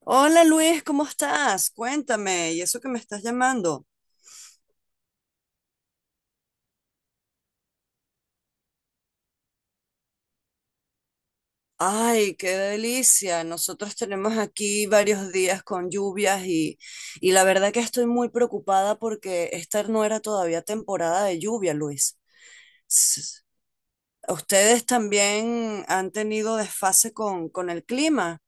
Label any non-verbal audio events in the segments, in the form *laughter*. Hola Luis, ¿cómo estás? Cuéntame, ¿y eso que me estás llamando? Ay, qué delicia. Nosotros tenemos aquí varios días con lluvias y la verdad que estoy muy preocupada porque esta no era todavía temporada de lluvia, Luis. S- ¿Ustedes también han tenido desfase con el clima?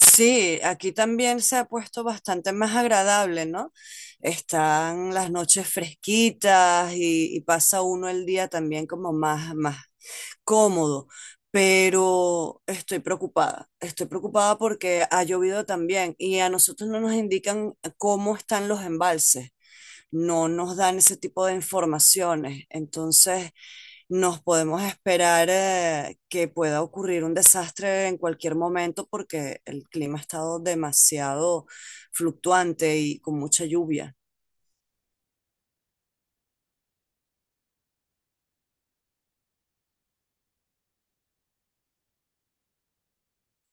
Sí, aquí también se ha puesto bastante más agradable, ¿no? Están las noches fresquitas y pasa uno el día también como más cómodo, pero estoy preocupada. Estoy preocupada porque ha llovido también y a nosotros no nos indican cómo están los embalses, no nos dan ese tipo de informaciones. Entonces, nos podemos esperar que pueda ocurrir un desastre en cualquier momento porque el clima ha estado demasiado fluctuante y con mucha lluvia.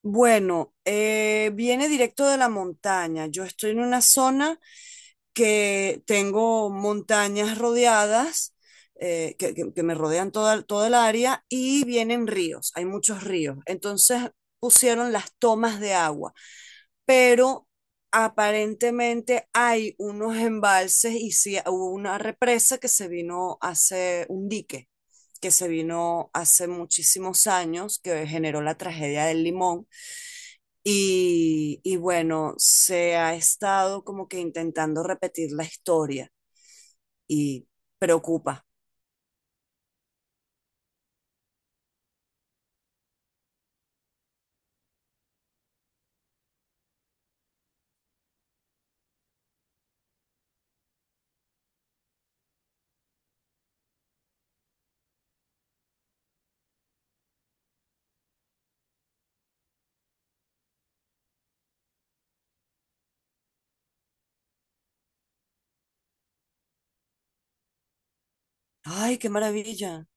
Bueno, viene directo de la montaña. Yo estoy en una zona que tengo montañas rodeadas, que me rodean toda el área, y vienen ríos, hay muchos ríos. Entonces pusieron las tomas de agua, pero aparentemente hay unos embalses y sí hubo una represa que se vino hace un dique que se vino hace muchísimos años, que generó la tragedia del Limón. Y bueno, se ha estado como que intentando repetir la historia y preocupa. Ay, qué maravilla.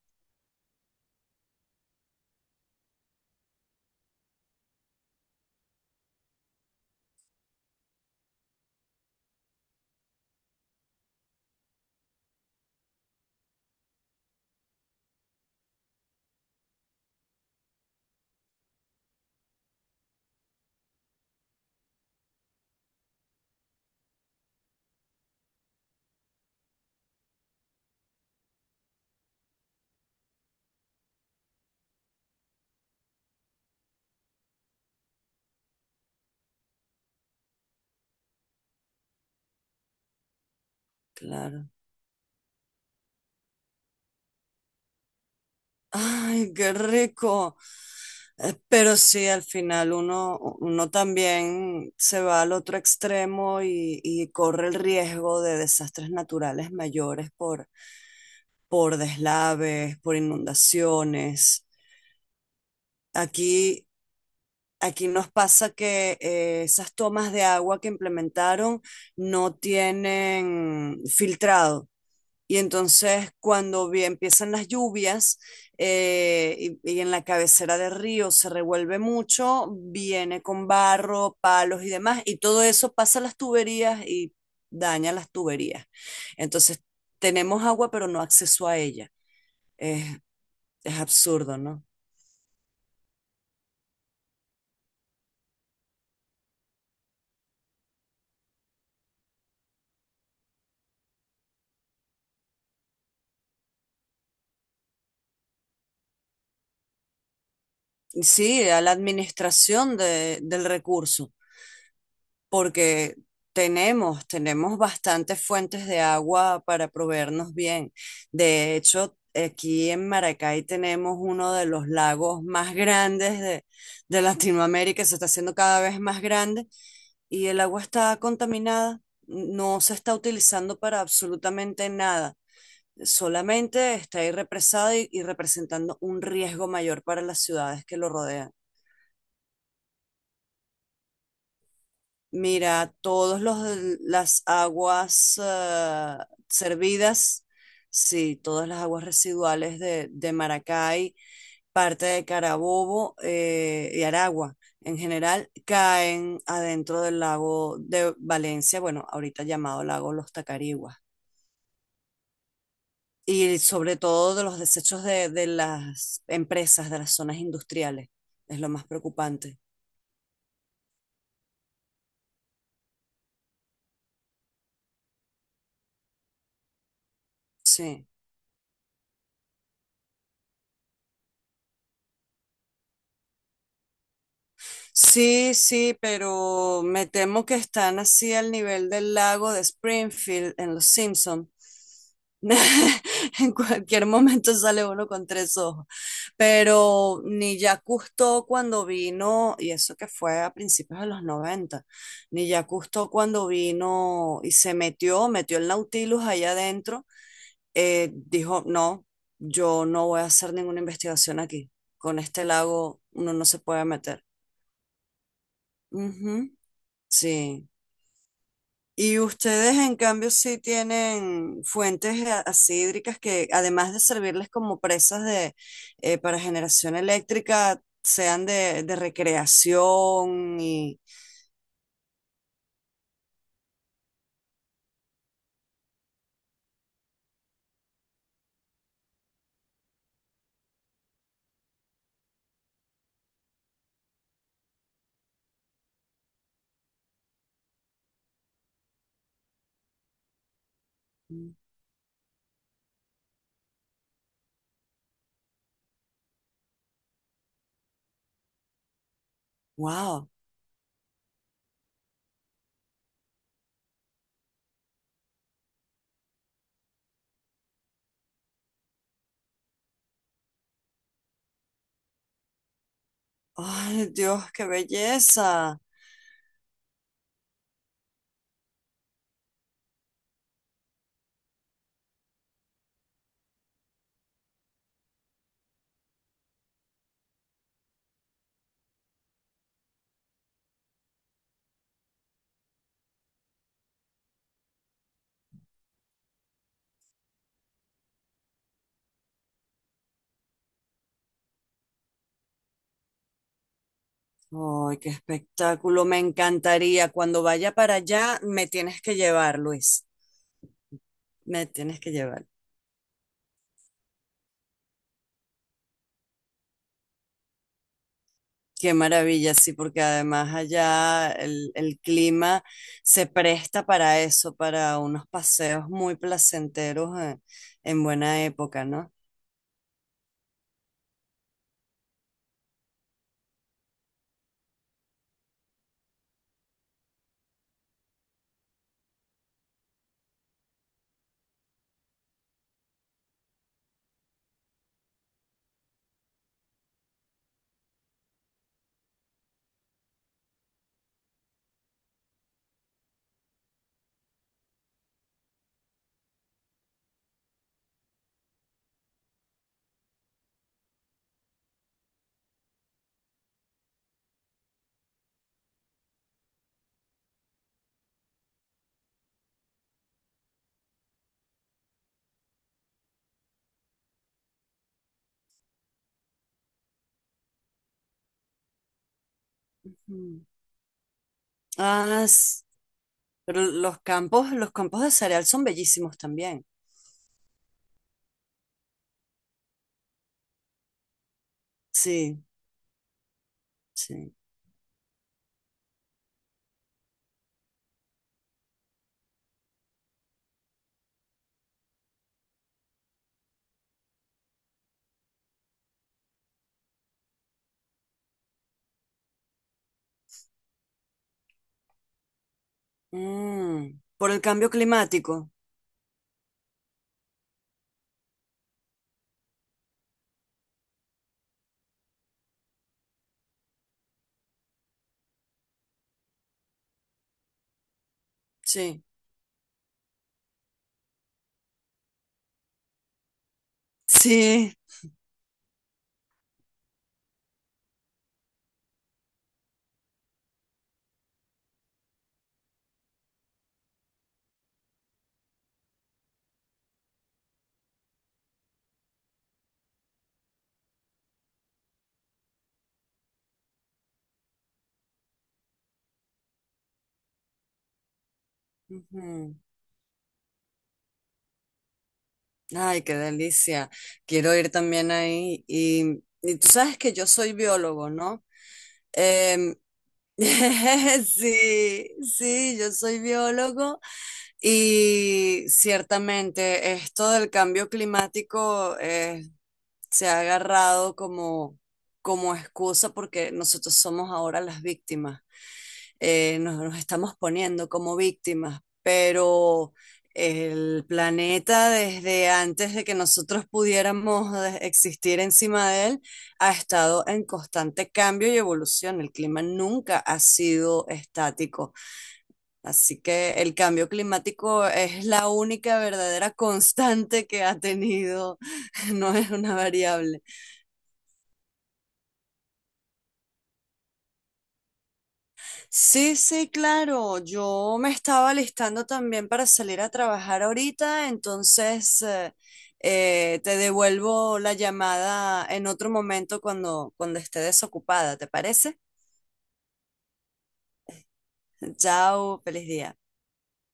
Claro. Ay, qué rico. Pero sí, al final uno también se va al otro extremo y corre el riesgo de desastres naturales mayores por deslaves, por inundaciones. Aquí Aquí nos pasa que esas tomas de agua que implementaron no tienen filtrado. Y entonces cuando empiezan las lluvias eh, y en la cabecera del río se revuelve mucho, viene con barro, palos y demás, y todo eso pasa a las tuberías y daña las tuberías. Entonces tenemos agua pero no acceso a ella. Es, es absurdo, ¿no? Y sí, a la del recurso, porque tenemos bastantes fuentes de agua para proveernos bien. De hecho, aquí en Maracay tenemos uno de los lagos más grandes de Latinoamérica, se está haciendo cada vez más grande y el agua está contaminada, no se está utilizando para absolutamente nada, solamente está ahí represada y representando un riesgo mayor para las ciudades que lo rodean. Mira, todos los las aguas servidas, sí, todas las aguas residuales de Maracay, parte de Carabobo y Aragua en general, caen adentro del lago de Valencia, bueno, ahorita llamado lago Los Tacariguas, y sobre todo de los desechos de las empresas, de las zonas industriales, es lo más preocupante. Sí. Sí, sí, pero me temo que están así al nivel del lago de Springfield en Los Simpson. *laughs* En cualquier momento sale uno con tres ojos. Pero ni ya Cousteau cuando vino, y eso que fue a principios de los 90, ni ya Cousteau cuando vino y se metió, metió el Nautilus allá adentro, dijo, no, yo no voy a hacer ninguna investigación aquí. Con este lago uno no se puede meter. Sí. Y ustedes, en cambio, sí tienen fuentes así hídricas que, además de servirles como presas para generación eléctrica, sean de recreación y... ¡Wow! ¡Ay, Dios, qué belleza! ¡Ay, qué espectáculo! Me encantaría. Cuando vaya para allá, me tienes que llevar, Luis. Me tienes que llevar. Qué maravilla, sí, porque además allá el clima se presta para eso, para unos paseos muy placenteros en buena época, ¿no? Mm. Ah, s- pero los campos de cereal son bellísimos también. Sí, sí. Mm, por el cambio climático, sí. Sí. Ujú. Ay, qué delicia. Quiero ir también ahí. Y tú sabes que yo soy biólogo, ¿no? Em, *laughs* Sí, sí, yo soy biólogo y ciertamente esto del cambio climático se ha agarrado como, como excusa porque nosotros somos ahora las víctimas nos estamos poniendo como víctimas, pero el planeta desde antes de que nosotros existir encima de él ha estado en constante cambio y evolución. El clima nunca ha sido estático. Así que el cambio climático es la única verdadera constante que ha tenido, *laughs* no es una variable. Sí, sí, claro. Yo me estaba listando también para salir a trabajar ahorita, entonces te devuelvo la llamada en otro momento cuando esté desocupada, ¿te parece? *laughs* Chao, feliz día.